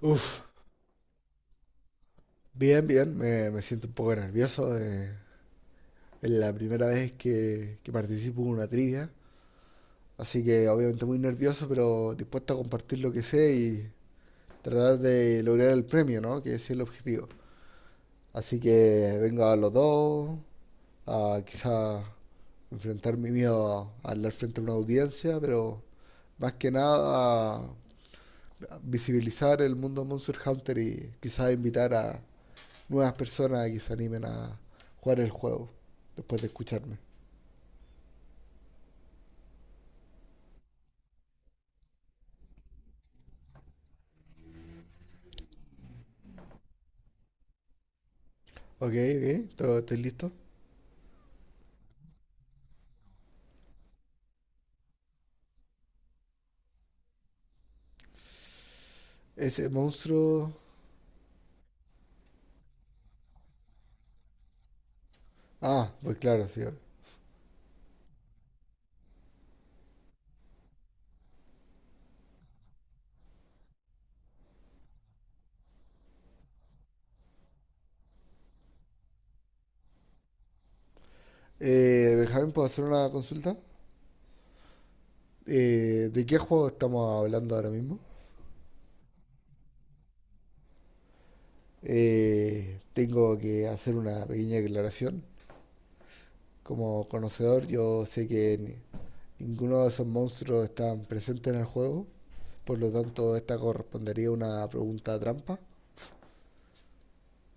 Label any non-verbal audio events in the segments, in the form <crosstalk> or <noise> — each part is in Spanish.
Uf, bien, bien. Me siento un poco nervioso. Es la primera vez que participo en una trivia. Así que obviamente muy nervioso, pero dispuesto a compartir lo que sé y tratar de lograr el premio, ¿no? Que ese es el objetivo. Así que vengo a los dos, a quizá enfrentar mi miedo a hablar frente a una audiencia, pero más que nada a visibilizar el mundo de Monster Hunter y quizá invitar a nuevas personas que se animen a jugar el juego después de escucharme. Ok, ok, estoy listo. Ese monstruo. Ah, pues claro, sí. Benjamín, ¿puedo hacer una consulta? ¿De qué juego estamos hablando ahora mismo? Tengo que hacer una pequeña declaración. Como conocedor, yo sé que ninguno de esos monstruos están presentes en el juego. Por lo tanto, esta correspondería a una pregunta trampa.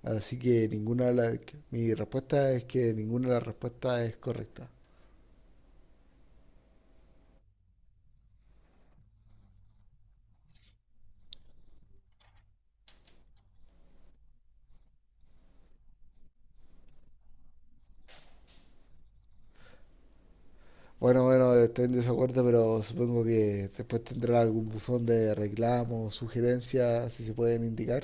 Así que ninguna de las... Mi respuesta es que ninguna de las respuestas es correcta. Bueno, bueno, estoy en desacuerdo, pero supongo que después tendrá algún buzón de reclamos, sugerencias, si se pueden indicar.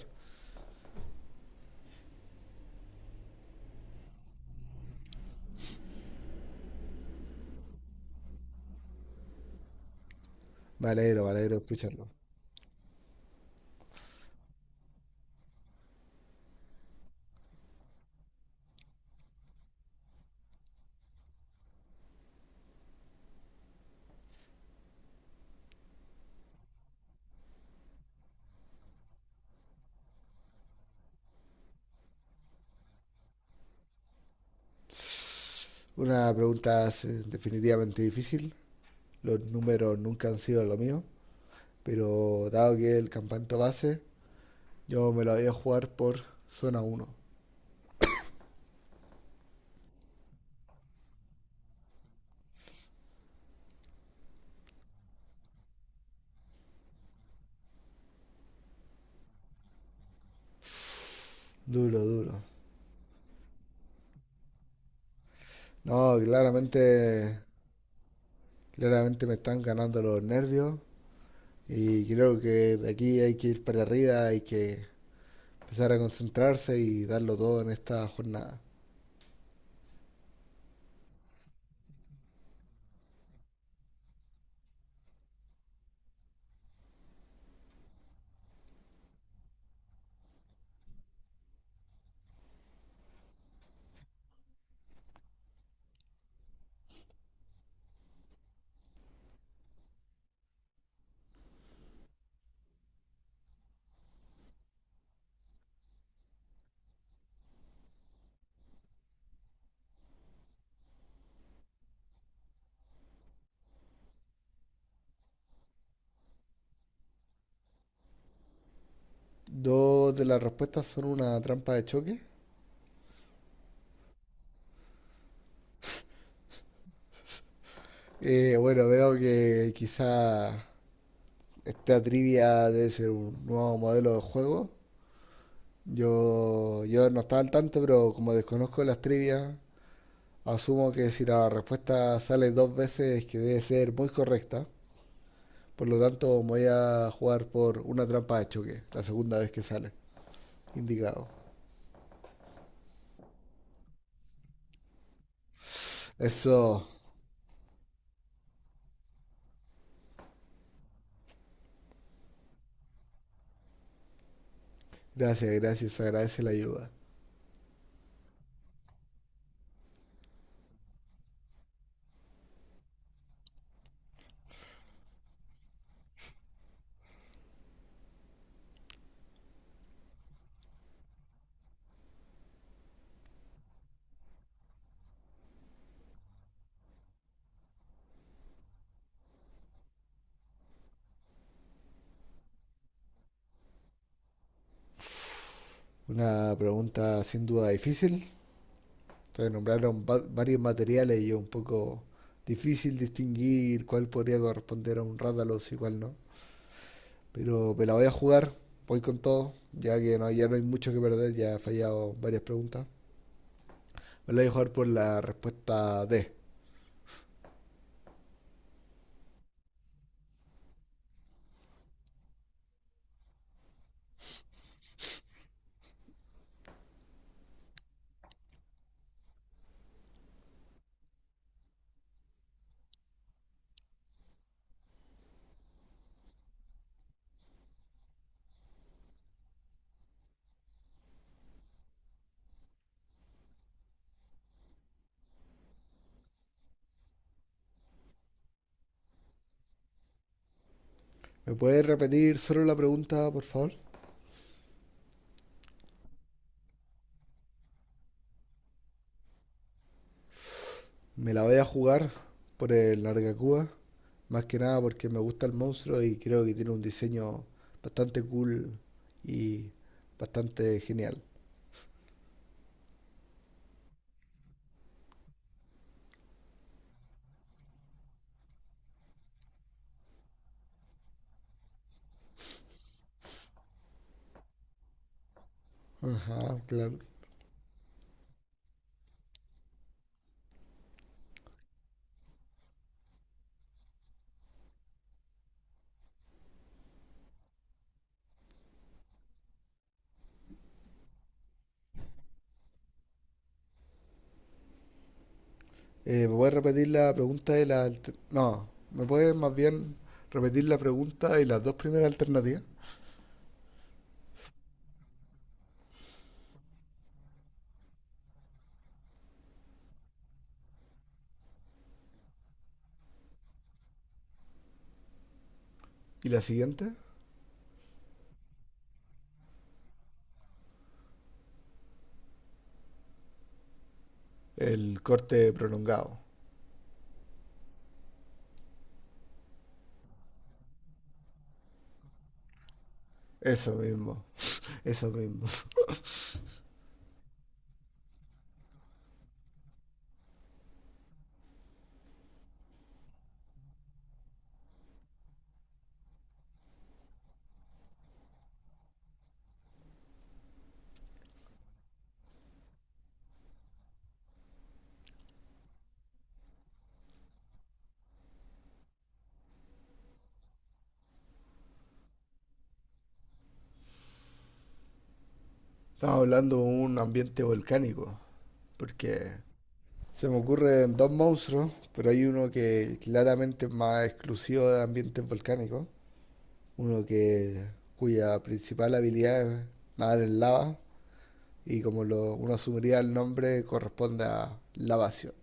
Me alegro de escucharlo. Una pregunta definitivamente difícil. Los números nunca han sido lo mío, pero dado que el campanto base, yo me lo voy a jugar por zona uno. Duro, duro. No, claramente. Me están ganando los nervios y creo que de aquí hay que ir para arriba, hay que empezar a concentrarse y darlo todo en esta jornada. Dos de las respuestas son una trampa de choque. Bueno, veo que quizá esta trivia debe ser un nuevo modelo de juego. Yo no estaba al tanto, pero como desconozco las trivias, asumo que si la respuesta sale dos veces que debe ser muy correcta. Por lo tanto, voy a jugar por una trampa de choque, la segunda vez que sale. Indicado. Eso. Gracias, gracias. Agradece la ayuda. Una pregunta sin duda difícil. Te nombraron varios materiales y es un poco difícil distinguir cuál podría corresponder a un Rathalos y cuál no. Pero me la voy a jugar. Voy con todo. Ya no hay mucho que perder. Ya he fallado varias preguntas. Me la voy a jugar por la respuesta D. ¿Me puedes repetir solo la pregunta, por favor? Me la voy a jugar por el Nargacuba, más que nada porque me gusta el monstruo y creo que tiene un diseño bastante cool y bastante genial. Ajá, claro. ¿Me puedes repetir la pregunta no, ¿me puedes más bien repetir la pregunta y las dos primeras alternativas? ¿Y la siguiente? El corte prolongado. Eso mismo, eso mismo. <laughs> Estamos hablando de un ambiente volcánico, porque se me ocurren dos monstruos, pero hay uno que claramente es más exclusivo de ambientes volcánicos, uno que cuya principal habilidad es nadar en lava y uno asumiría el nombre corresponde a lavación.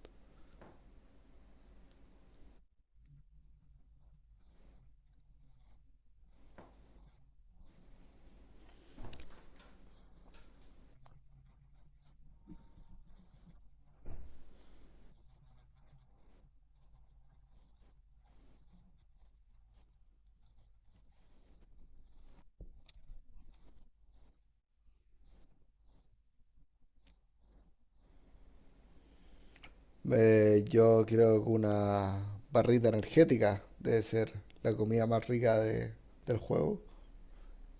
Yo creo que una barrita energética debe ser la comida más rica del juego,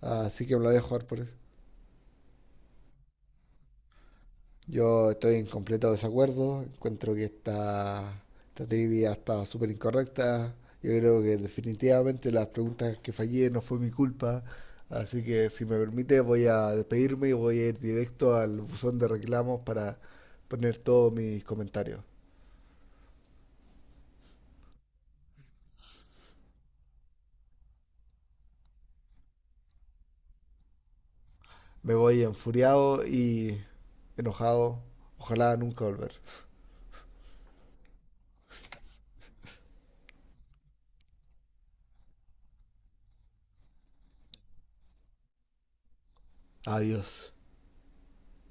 así que me la voy a jugar por eso. Yo estoy en completo desacuerdo. Encuentro que esta trivia está súper incorrecta. Yo creo que definitivamente las preguntas que fallé no fue mi culpa. Así que si me permite voy a despedirme y voy a ir directo al buzón de reclamos para poner todos mis comentarios. Me voy enfuriado y enojado. Ojalá nunca volver. Adiós.